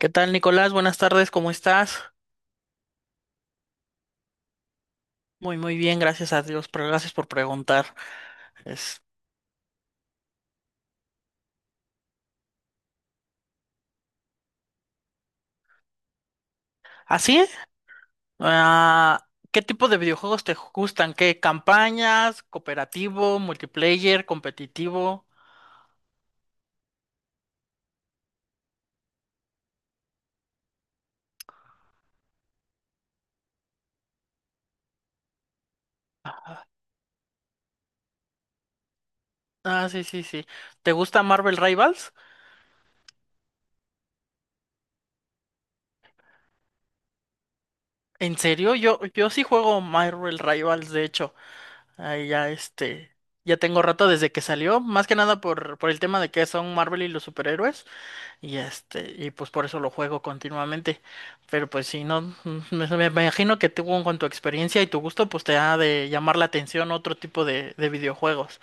¿Qué tal, Nicolás? Buenas tardes, ¿cómo estás? Muy, muy bien, gracias a Dios, pero gracias por preguntar. Es... ¿Así? Ah, ¿Qué tipo de videojuegos te gustan? ¿Qué campañas? ¿Cooperativo? ¿Multiplayer? ¿Competitivo? Ah, sí, sí, sí. ¿Te gusta Marvel Rivals? ¿En serio? Yo sí juego Marvel Rivals, de hecho. Ahí ya este, ya tengo rato desde que salió, más que nada por el tema de que son Marvel y los superhéroes. Y este, y pues por eso lo juego continuamente. Pero pues si no, me imagino que tú con tu experiencia y tu gusto, pues te ha de llamar la atención otro tipo de videojuegos.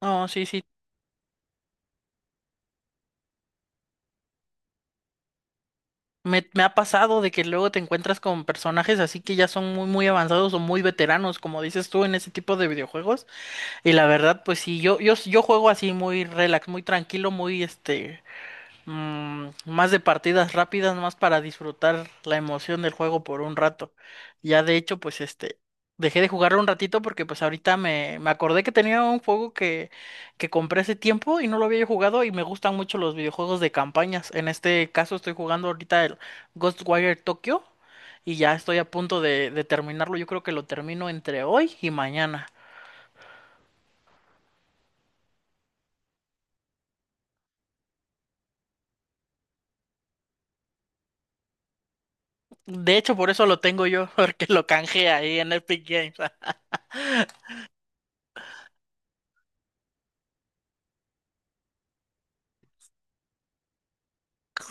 No, sí, sí. Me ha pasado de que luego te encuentras con personajes así que ya son muy, muy avanzados o muy veteranos, como dices tú, en ese tipo de videojuegos. Y la verdad, pues sí, yo juego así muy relax, muy tranquilo, muy este. Más de partidas rápidas, más para disfrutar la emoción del juego por un rato. Ya de hecho, pues este, dejé de jugarlo un ratito porque pues ahorita me acordé que tenía un juego que compré hace tiempo y no lo había jugado y me gustan mucho los videojuegos de campañas. En este caso estoy jugando ahorita el Ghostwire Tokyo y ya estoy a punto de terminarlo. Yo creo que lo termino entre hoy y mañana. De hecho, por eso lo tengo yo, porque lo canjeé ahí en Epic Games.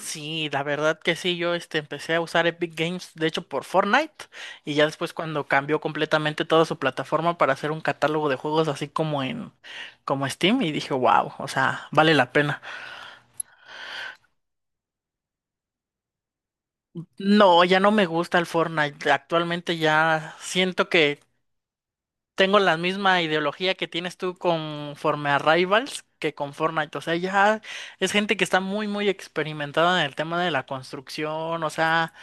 Sí, la verdad que sí, yo este empecé a usar Epic Games, de hecho por Fortnite, y ya después cuando cambió completamente toda su plataforma para hacer un catálogo de juegos así como en como Steam y dije: "Wow, o sea, vale la pena." No, ya no me gusta el Fortnite. Actualmente ya siento que tengo la misma ideología que tienes tú conforme a Rivals que con Fortnite, o sea, ya es gente que está muy muy experimentada en el tema de la construcción, o sea,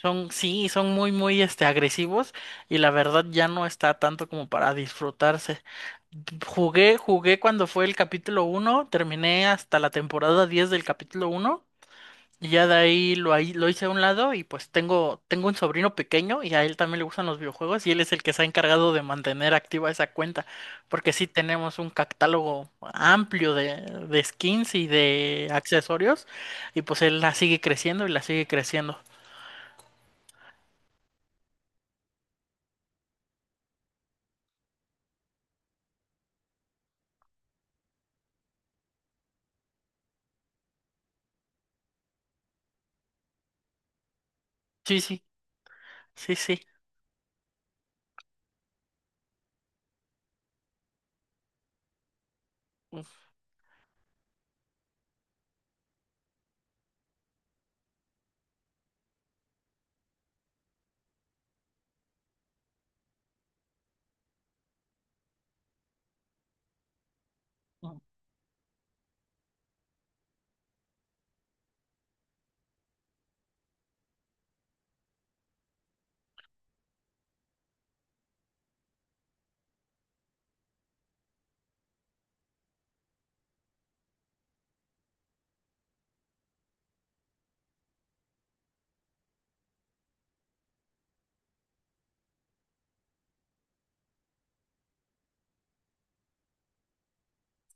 son, sí, son muy, muy, este, agresivos y la verdad ya no está tanto como para disfrutarse. Jugué cuando fue el capítulo uno, terminé hasta la temporada 10 del capítulo uno y ya de ahí lo hice a un lado y pues tengo un sobrino pequeño y a él también le gustan los videojuegos y él es el que se ha encargado de mantener activa esa cuenta porque sí tenemos un catálogo amplio de skins y de accesorios y pues él la sigue creciendo y la sigue creciendo. Sí, sí. Sí, sí. Ujú.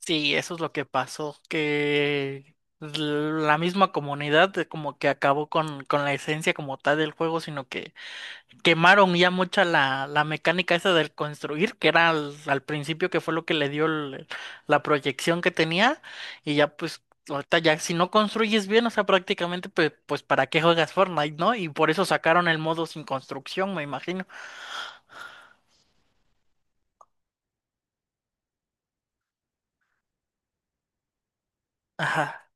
Sí, eso es lo que pasó, que la misma comunidad de como que acabó con la esencia como tal del juego, sino que quemaron ya mucha la, la mecánica esa del construir, que era al principio que fue lo que le dio el- la proyección que tenía, y ya pues ahorita ya si no construyes bien, o sea, prácticamente pues, pues para qué juegas Fortnite, ¿no? Y por eso sacaron el modo sin construcción, me imagino. Ajá.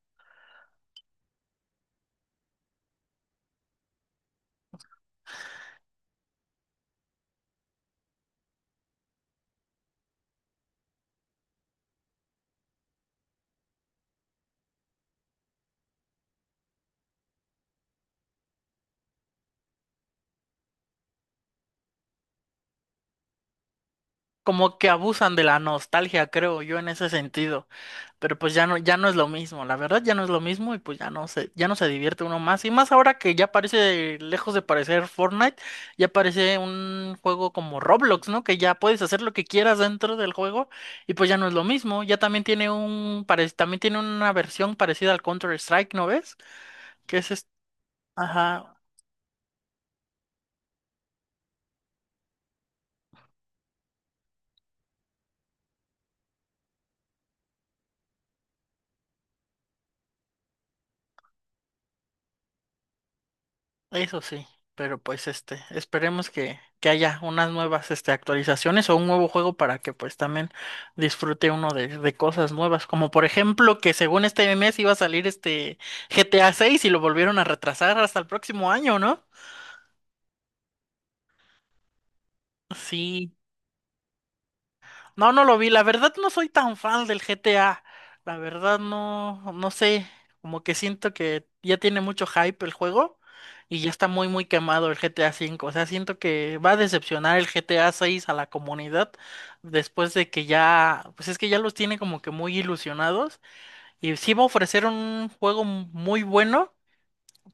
Como que abusan de la nostalgia, creo yo, en ese sentido. Pero pues ya no, ya no es lo mismo, la verdad ya no es lo mismo y pues ya no se divierte uno más. Y más ahora que ya parece, lejos de parecer Fortnite, ya parece un juego como Roblox, ¿no? Que ya puedes hacer lo que quieras dentro del juego y pues ya no es lo mismo. Ya también tiene un, pare- también tiene una versión parecida al Counter-Strike, ¿no ves? Que es este, ajá. Eso sí, pero pues este, esperemos que haya unas nuevas este, actualizaciones o un nuevo juego para que pues también disfrute uno de cosas nuevas, como por ejemplo que según este mes iba a salir este GTA 6 y lo volvieron a retrasar hasta el próximo año, ¿no? Sí, no, no lo vi. La verdad no soy tan fan del GTA. La verdad no, no sé. Como que siento que ya tiene mucho hype el juego y ya está muy, muy quemado el GTA 5 V. O sea, siento que va a decepcionar el GTA 6 a seis a la comunidad después de que ya, pues es que ya los tiene como que muy ilusionados y sí va a ofrecer un juego muy bueno,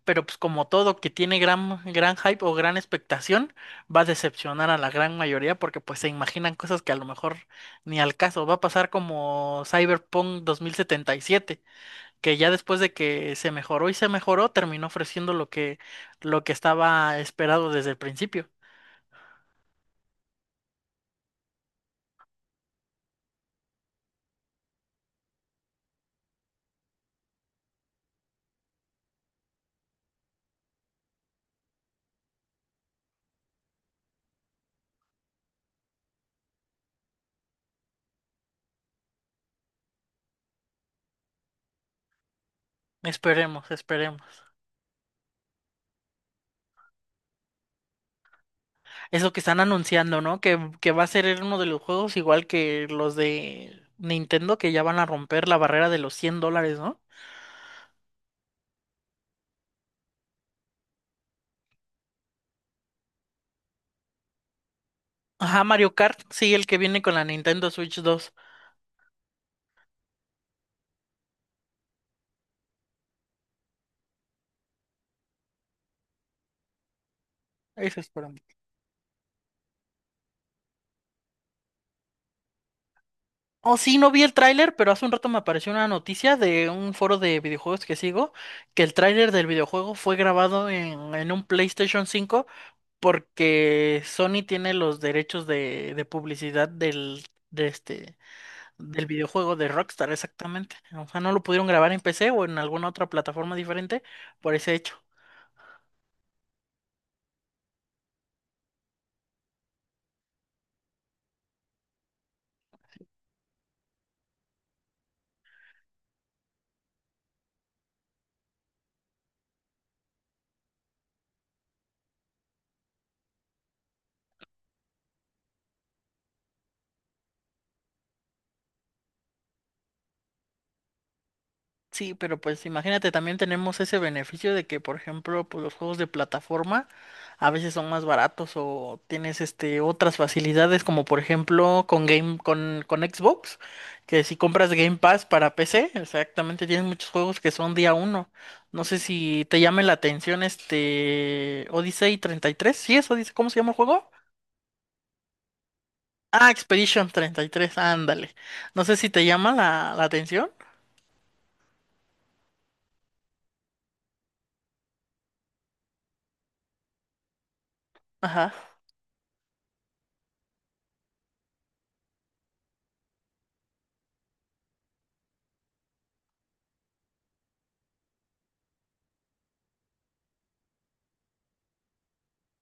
pero pues como todo que tiene gran, gran hype o gran expectación, va a decepcionar a la gran mayoría porque pues se imaginan cosas que a lo mejor ni al caso. Va a pasar como Cyberpunk 2077, que ya después de que se mejoró y se mejoró, terminó ofreciendo lo que estaba esperado desde el principio. Esperemos, esperemos. Eso que están anunciando, ¿no? Que va a ser uno de los juegos igual que los de Nintendo, que ya van a romper la barrera de los 100 dólares, ¿no? Ajá, Mario Kart, sí, el que viene con la Nintendo Switch 2. Ese es para mí. Oh, sí, no vi el tráiler, pero hace un rato me apareció una noticia de un foro de videojuegos que sigo, que el tráiler del videojuego fue grabado en un PlayStation 5 porque Sony tiene los derechos de publicidad del, de este, del videojuego de Rockstar, exactamente. O sea, no lo pudieron grabar en PC o en alguna otra plataforma diferente por ese hecho. Sí, pero pues imagínate, también tenemos ese beneficio de que, por ejemplo, pues los juegos de plataforma a veces son más baratos o tienes este otras facilidades como por ejemplo con Game con Xbox, que si compras Game Pass para PC, exactamente tienes muchos juegos que son día uno. No sé si te llame la atención este Odyssey 33. ¿Sí es Odyssey? ¿Cómo se llama el juego? Ah, Expedition 33. Ándale. No sé si te llama la, la atención. Ajá.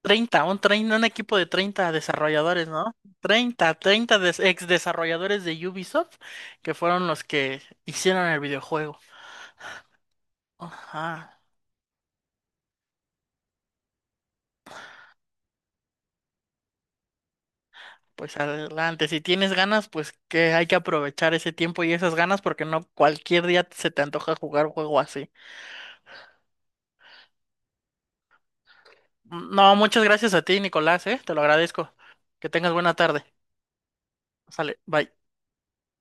30, un, trein- un equipo de 30 desarrolladores, ¿no? 30, 30 des- ex desarrolladores de Ubisoft que fueron los que hicieron el videojuego. Ajá, pues adelante, si tienes ganas, pues que hay que aprovechar ese tiempo y esas ganas porque no cualquier día se te antoja jugar un juego así. No, muchas gracias a ti, Nicolás, ¿eh? Te lo agradezco. Que tengas buena tarde. Sale, bye.